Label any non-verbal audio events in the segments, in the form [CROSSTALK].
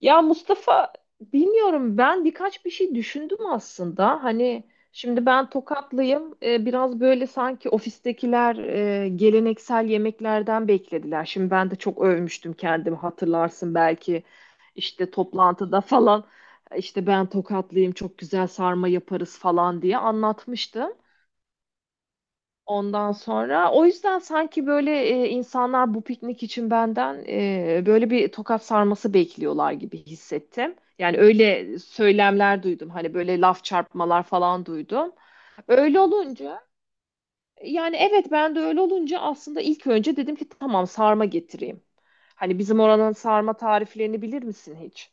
Ya Mustafa bilmiyorum ben birkaç bir şey düşündüm aslında. Hani şimdi ben Tokatlıyım. Biraz böyle sanki ofistekiler geleneksel yemeklerden beklediler. Şimdi ben de çok övmüştüm kendimi hatırlarsın belki işte toplantıda falan işte ben Tokatlıyım çok güzel sarma yaparız falan diye anlatmıştım. Ondan sonra o yüzden sanki böyle insanlar bu piknik için benden böyle bir tokat sarması bekliyorlar gibi hissettim. Yani öyle söylemler duydum. Hani böyle laf çarpmalar falan duydum. Öyle olunca yani evet ben de öyle olunca aslında ilk önce dedim ki tamam sarma getireyim. Hani bizim oranın sarma tariflerini bilir misin hiç?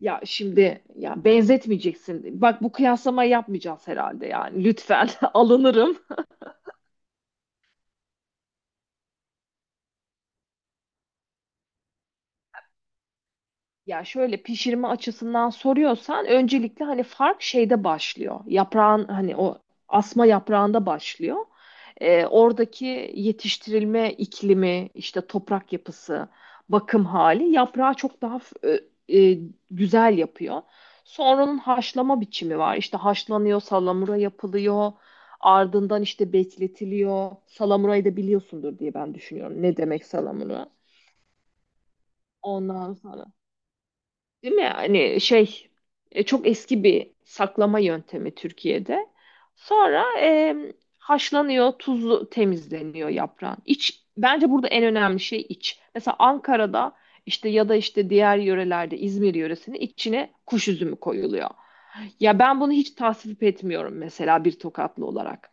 Ya şimdi ya benzetmeyeceksin. Bak bu kıyaslamayı yapmayacağız herhalde yani. Lütfen [LAUGHS] alınırım. Ya şöyle pişirme açısından soruyorsan öncelikle hani fark şeyde başlıyor. Yaprağın hani o asma yaprağında başlıyor. Oradaki yetiştirilme iklimi, işte toprak yapısı, bakım hali yaprağı çok daha e, e, güzel yapıyor. Sonranın haşlama biçimi var. İşte haşlanıyor, salamura yapılıyor. Ardından işte bekletiliyor. Salamurayı da biliyorsundur diye ben düşünüyorum. Ne demek salamura? Ondan sonra. Değil mi? Hani şey çok eski bir saklama yöntemi Türkiye'de. Sonra haşlanıyor, tuzlu temizleniyor yaprağın. İç bence burada en önemli şey iç. Mesela Ankara'da işte ya da işte diğer yörelerde İzmir yöresinde içine kuş üzümü koyuluyor. Ya ben bunu hiç tasvip etmiyorum mesela bir Tokatlı olarak.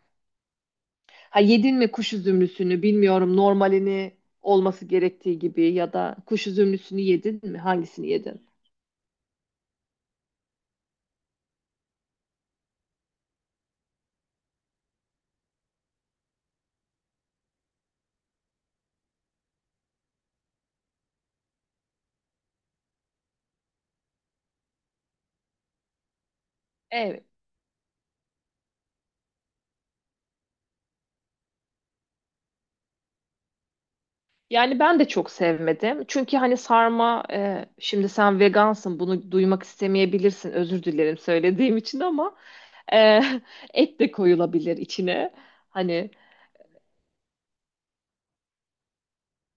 Ha yedin mi kuş üzümlüsünü bilmiyorum normalini olması gerektiği gibi ya da kuş üzümlüsünü yedin mi hangisini yedin? Evet. Yani ben de çok sevmedim. Çünkü hani sarma şimdi sen vegansın bunu duymak istemeyebilirsin. Özür dilerim söylediğim için ama e, [LAUGHS] et de koyulabilir içine. Hani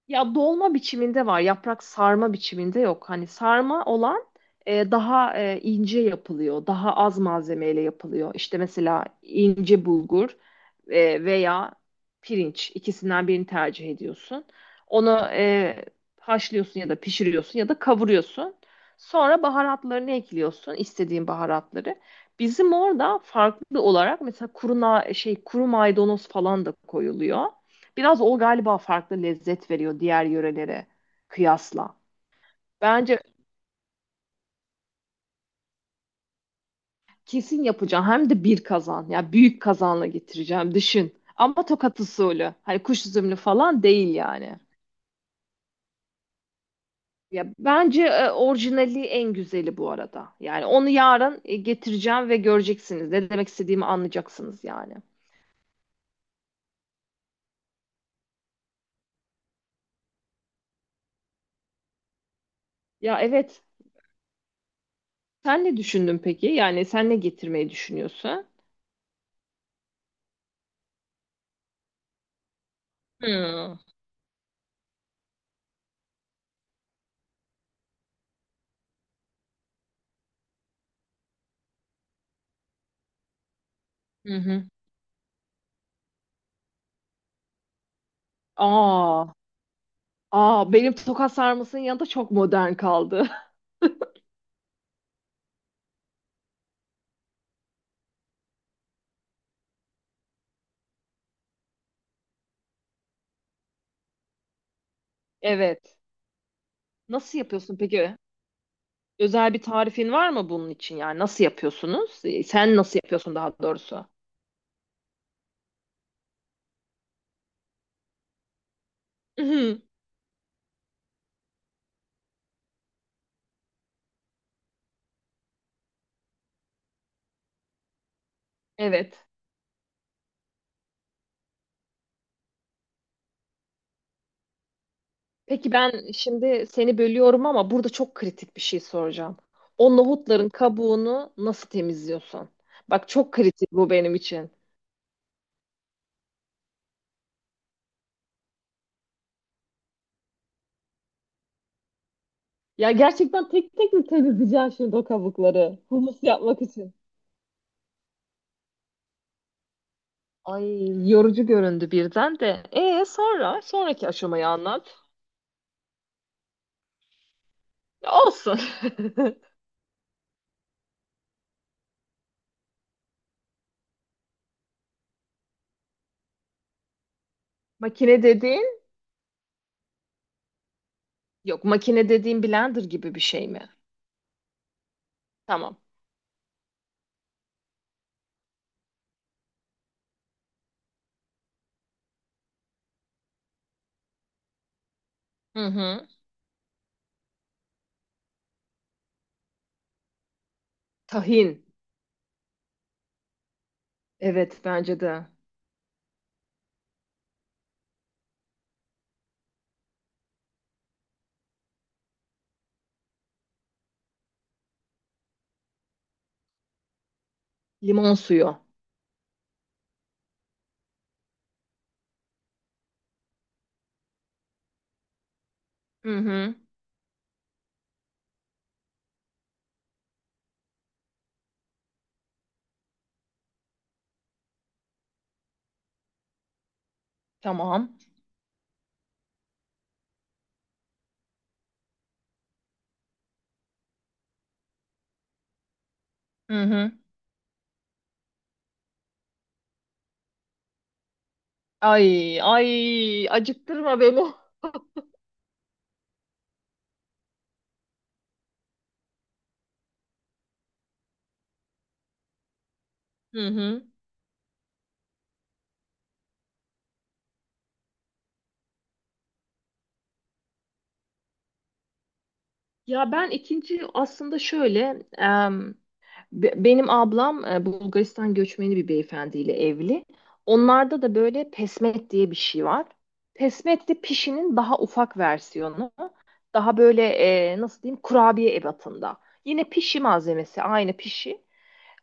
ya dolma biçiminde var, yaprak sarma biçiminde yok. Hani sarma olan daha ince yapılıyor, daha az malzemeyle yapılıyor. İşte mesela ince bulgur veya pirinç ikisinden birini tercih ediyorsun. Onu haşlıyorsun ya da pişiriyorsun ya da kavuruyorsun. Sonra baharatlarını ekliyorsun, istediğin baharatları. Bizim orada farklı olarak mesela kuru na- şey kuru maydanoz falan da koyuluyor. Biraz o galiba farklı lezzet veriyor diğer yörelere kıyasla. Bence kesin yapacağım. Hem de bir kazan. Ya yani büyük kazanla getireceğim. Düşün. Ama tokat usulü. Hani kuş üzümlü falan değil yani. Ya bence orijinali en güzeli bu arada. Yani onu yarın getireceğim ve göreceksiniz. Ne demek istediğimi anlayacaksınız yani. Ya evet. Sen ne düşündün peki? Yani sen ne getirmeyi düşünüyorsun? Hmm. Hı hı. Aa, aa, benim tokat sarmasının yanında çok modern kaldı. [LAUGHS] Evet. Nasıl yapıyorsun peki? Özel bir tarifin var mı bunun için? Yani nasıl yapıyorsunuz? Sen nasıl yapıyorsun daha doğrusu? Mhm. Evet. Peki ben şimdi seni bölüyorum ama burada çok kritik bir şey soracağım. O nohutların kabuğunu nasıl temizliyorsun? Bak çok kritik bu benim için. Ya gerçekten tek tek mi temizleyeceksin şimdi o kabukları? Humus yapmak için. Ay yorucu göründü birden de. E sonra sonraki aşamayı anlat. Ya olsun. [LAUGHS] Makine dediğin yok, makine dediğin blender gibi bir şey mi? Tamam. Hı hı. Tahin. Evet bence de. Limon suyu. Hı hı. Tamam. Hı hı. Ay ay acıktırma beni. Hı hı. Ya ben ikinci aslında şöyle benim ablam Bulgaristan göçmeni bir beyefendiyle evli. Onlarda da böyle pesmet diye bir şey var. Pesmet de pişinin daha ufak versiyonu. Daha böyle nasıl diyeyim kurabiye ebatında. Yine pişi malzemesi aynı pişi.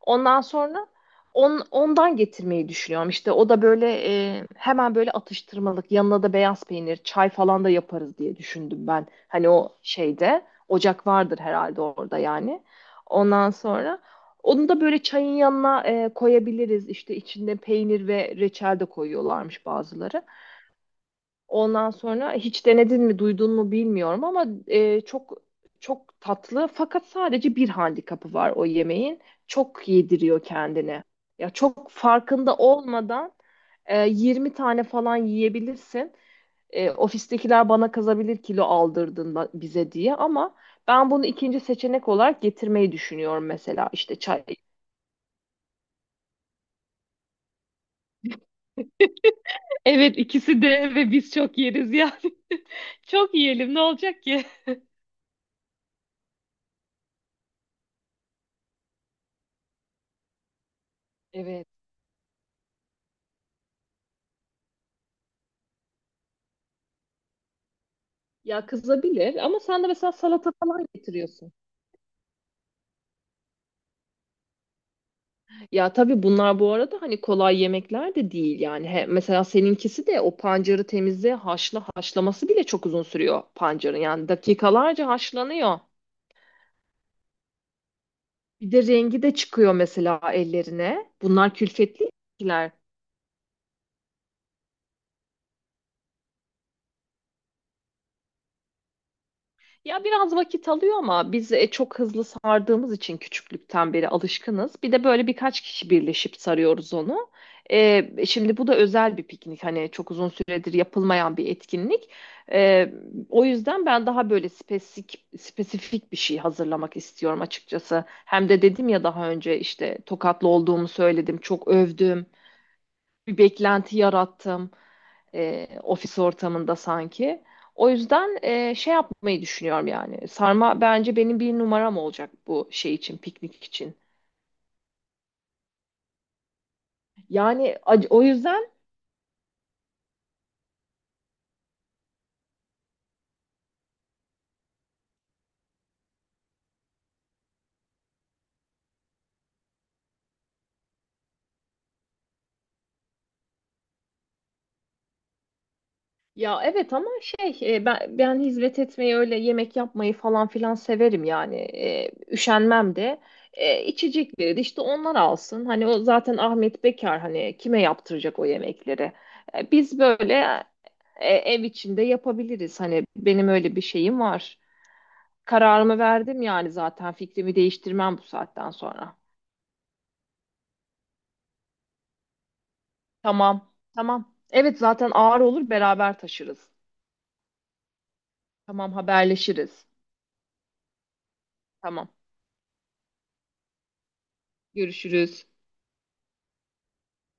Ondan sonra ondan getirmeyi düşünüyorum. İşte o da böyle hemen böyle atıştırmalık yanına da beyaz peynir, çay falan da yaparız diye düşündüm ben. Hani o şeyde ocak vardır herhalde orada yani. Ondan sonra onu da böyle çayın yanına koyabiliriz. İşte içinde peynir ve reçel de koyuyorlarmış bazıları. Ondan sonra hiç denedin mi, duydun mu bilmiyorum ama çok çok tatlı fakat sadece bir handikapı var o yemeğin. Çok yediriyor kendini. Ya çok farkında olmadan 20 tane falan yiyebilirsin. E, ofistekiler bana kazabilir kilo aldırdın bize diye ama ben bunu ikinci seçenek olarak getirmeyi düşünüyorum mesela işte çay. Evet ikisi de ve biz çok yeriz yani. [LAUGHS] Çok yiyelim ne olacak ki? Evet. Ya kızabilir ama sen de mesela salata falan getiriyorsun. Ya tabii bunlar bu arada hani kolay yemekler de değil yani. He, mesela seninkisi de o pancarı temizle haşla haşlaması bile çok uzun sürüyor pancarın. Yani dakikalarca haşlanıyor. Bir de rengi de çıkıyor mesela ellerine. Bunlar külfetli yemekler. Ya biraz vakit alıyor ama biz çok hızlı sardığımız için küçüklükten beri alışkınız. Bir de böyle birkaç kişi birleşip sarıyoruz onu. Şimdi bu da özel bir piknik. Hani çok uzun süredir yapılmayan bir etkinlik. E, O yüzden ben daha böyle spesifik, spesifik bir şey hazırlamak istiyorum açıkçası. Hem de dedim ya daha önce işte Tokatlı olduğumu söyledim. Çok övdüm. Bir beklenti yarattım ofis ortamında sanki. O yüzden şey yapmayı düşünüyorum yani. Sarma bence benim bir numaram olacak bu şey için, piknik için. Yani o yüzden ya evet ama şey ben hizmet etmeyi öyle yemek yapmayı falan filan severim yani. E, üşenmem de. İçecekleri de işte onlar alsın. Hani o zaten Ahmet Bekar hani kime yaptıracak o yemekleri? Biz böyle ev içinde yapabiliriz. Hani benim öyle bir şeyim var. Kararımı verdim yani zaten fikrimi değiştirmem bu saatten sonra. Tamam. Tamam. Evet zaten ağır olur beraber taşırız. Tamam haberleşiriz. Tamam. Görüşürüz.